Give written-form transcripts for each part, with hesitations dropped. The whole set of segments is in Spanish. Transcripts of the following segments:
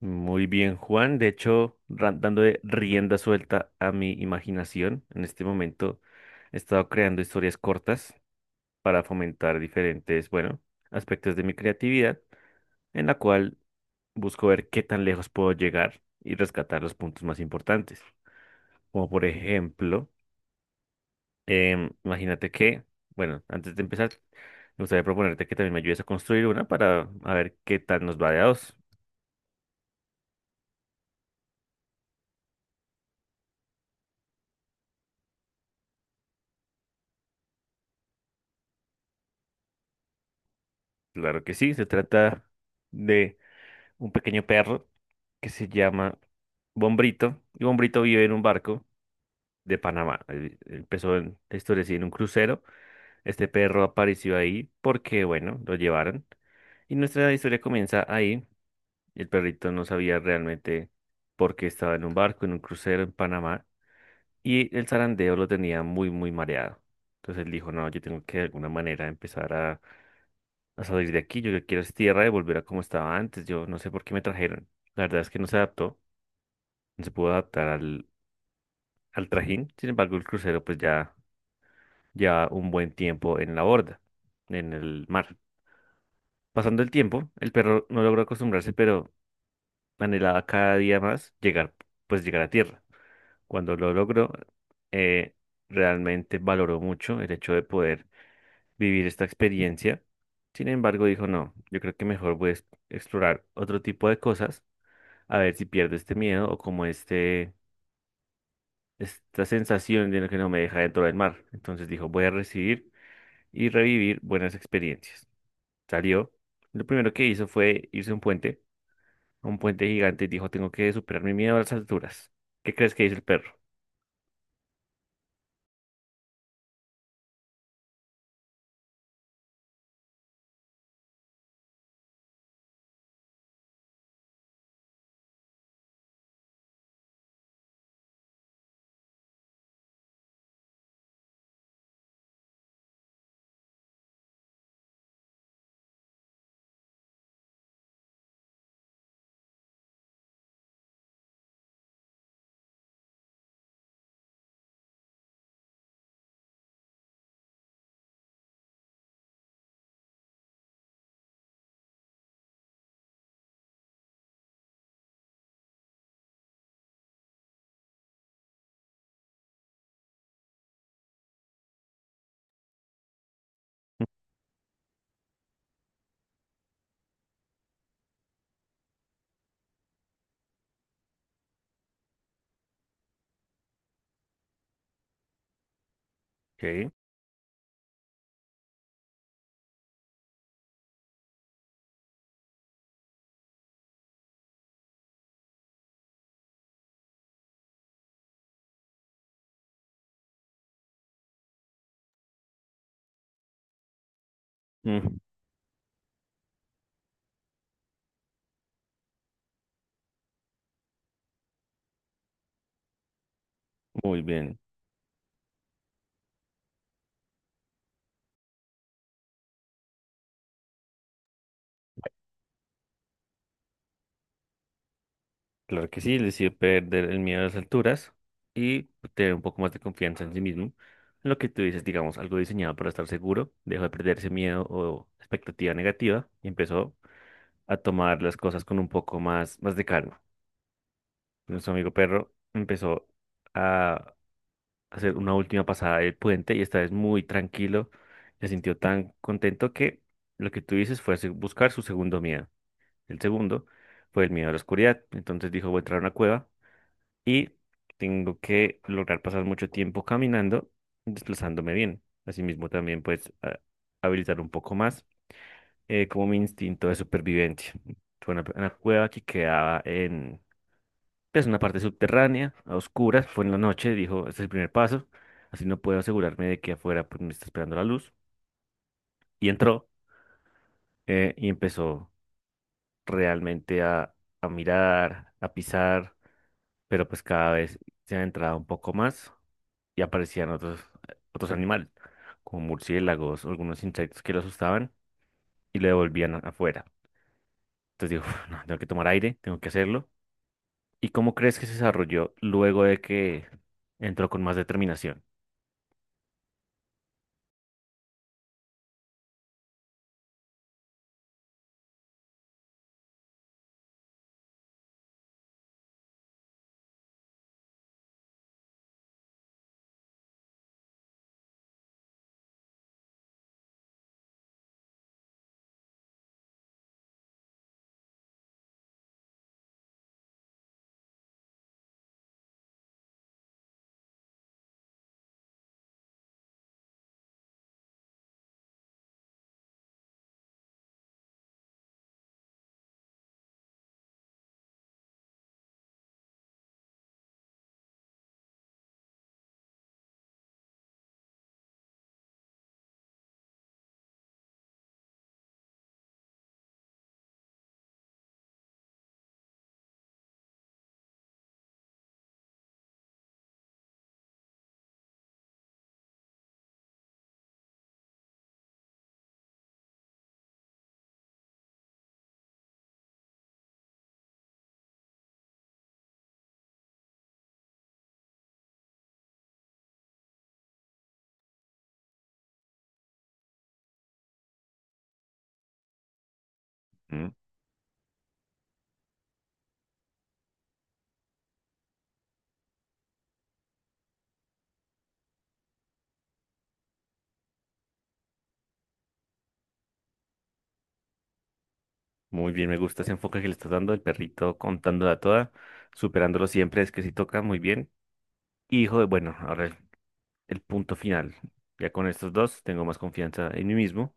Muy bien, Juan. De hecho, dando rienda suelta a mi imaginación, en este momento he estado creando historias cortas para fomentar diferentes, bueno, aspectos de mi creatividad, en la cual busco ver qué tan lejos puedo llegar y rescatar los puntos más importantes. Como por ejemplo, imagínate que, bueno, antes de empezar, me gustaría proponerte que también me ayudes a construir una para a ver qué tal nos va de a dos. Claro que sí, se trata de un pequeño perro que se llama Bombrito. Y Bombrito vive en un barco de Panamá. Él empezó en, la historia así, en un crucero. Este perro apareció ahí porque, bueno, lo llevaron. Y nuestra historia comienza ahí. El perrito no sabía realmente por qué estaba en un barco, en un crucero en Panamá. Y el zarandeo lo tenía muy, muy mareado. Entonces él dijo, no, yo tengo que de alguna manera empezar a salir de aquí. Yo lo que quiero es tierra y volver a como estaba antes. Yo no sé por qué me trajeron. La verdad es que no se adaptó, no se pudo adaptar al trajín. Sin embargo, el crucero pues ya lleva un buen tiempo en la borda, en el mar. Pasando el tiempo, el perro no logró acostumbrarse, pero anhelaba cada día más llegar, pues llegar a tierra. Cuando lo logró, eh, realmente valoró mucho el hecho de poder vivir esta experiencia. Sin embargo, dijo, no, yo creo que mejor voy a explorar otro tipo de cosas, a ver si pierdo este miedo o como este, esta sensación de lo que no me deja dentro del mar. Entonces dijo, voy a recibir y revivir buenas experiencias. Salió. Lo primero que hizo fue irse a un puente gigante, y dijo, tengo que superar mi miedo a las alturas. ¿Qué crees que hizo el perro? ¿Qué? Mm, muy bien. Claro que sí, le hizo perder el miedo a las alturas y tener un poco más de confianza en sí mismo. Lo que tú dices, digamos, algo diseñado para estar seguro, dejó de perder ese miedo o expectativa negativa y empezó a tomar las cosas con un poco más, más de calma. Nuestro amigo perro empezó a hacer una última pasada del puente y esta vez muy tranquilo. Se sintió tan contento que lo que tú dices fue buscar su segundo miedo. El segundo fue el miedo a la oscuridad. Entonces dijo, voy a entrar a una cueva y tengo que lograr pasar mucho tiempo caminando, desplazándome bien. Asimismo también pues habilitar un poco más como mi instinto de supervivencia. Fue una cueva que quedaba es una parte subterránea, a oscuras, fue en la noche, dijo, este es el primer paso, así no puedo asegurarme de que afuera pues, me está esperando la luz. Y entró, y empezó realmente a mirar, a pisar, pero pues cada vez se adentraba un poco más y aparecían otros animales, como murciélagos, algunos insectos que lo asustaban y lo devolvían afuera. Entonces dijo, "Uf, no, tengo que tomar aire, tengo que hacerlo. ¿Y cómo crees que se desarrolló luego de que entró con más determinación? Muy bien, me gusta ese enfoque que le estás dando, el perrito contándola toda, superándolo siempre, es que sí toca muy bien. Y hijo de, bueno, ahora el punto final. Ya con estos dos tengo más confianza en mí mismo,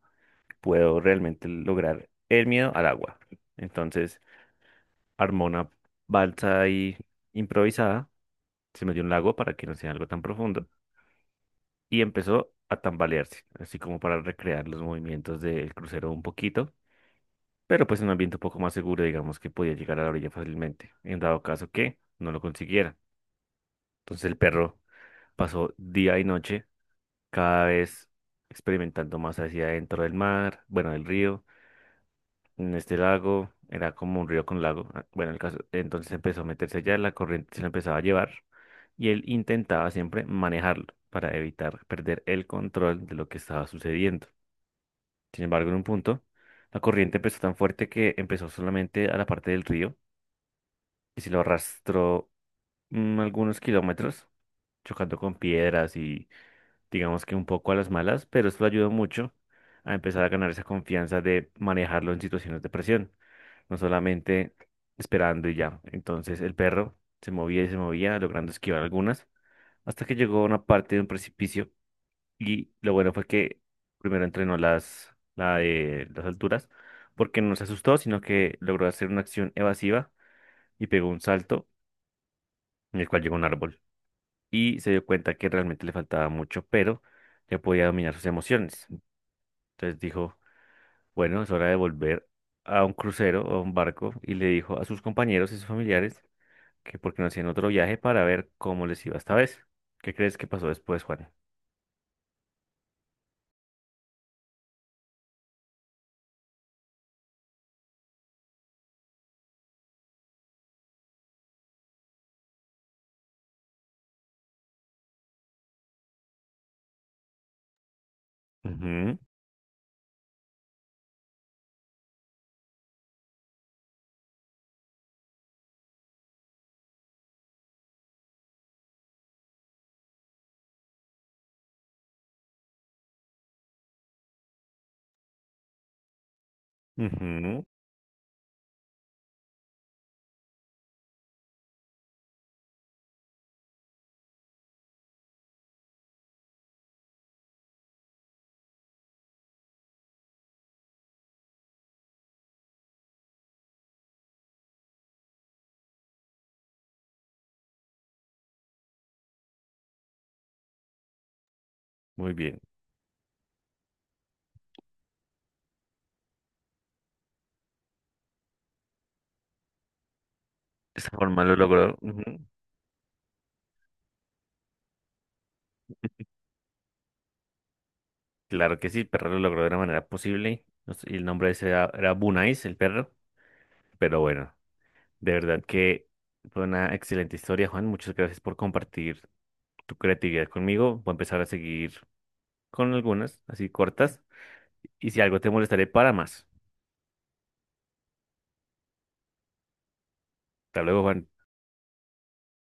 puedo realmente lograr el miedo al agua. Entonces, armó una balsa ahí improvisada, se metió en un lago para que no sea algo tan profundo y empezó a tambalearse, así como para recrear los movimientos del crucero un poquito, pero pues en un ambiente un poco más seguro, digamos que podía llegar a la orilla fácilmente, en dado caso que no lo consiguiera. Entonces el perro pasó día y noche, cada vez experimentando más hacia adentro del mar, bueno, del río, en este lago, era como un río con lago, ah, bueno, el caso, entonces empezó a meterse allá, la corriente se lo empezaba a llevar y él intentaba siempre manejarlo para evitar perder el control de lo que estaba sucediendo. Sin embargo, en un punto, la corriente empezó tan fuerte que empezó solamente a la parte del río. Y si lo arrastró algunos kilómetros, chocando con piedras y digamos que un poco a las malas, pero esto le ayudó mucho a empezar a ganar esa confianza de manejarlo en situaciones de presión, no solamente esperando y ya. Entonces el perro se movía y se movía, logrando esquivar algunas, hasta que llegó a una parte de un precipicio y lo bueno fue que primero entrenó la de las alturas, porque no se asustó, sino que logró hacer una acción evasiva y pegó un salto en el cual llegó a un árbol. Y se dio cuenta que realmente le faltaba mucho, pero ya podía dominar sus emociones. Entonces dijo, bueno, es hora de volver a un crucero o a un barco y le dijo a sus compañeros y sus familiares que porque no hacían otro viaje para ver cómo les iba esta vez. ¿Qué crees que pasó después, Juan? Ujú, ujú, muy bien. De esa forma lo logró. Ujú. Claro que sí, el perro lo logró de la manera posible. No sé, y el nombre de ese era, era Bunais, el perro. Pero bueno, de verdad que fue una excelente historia, Juan. Muchas gracias por compartir tu creatividad conmigo. Voy a empezar a seguir con algunas, así cortas. Y si algo te molestaré, para más. Hasta luego, Juan.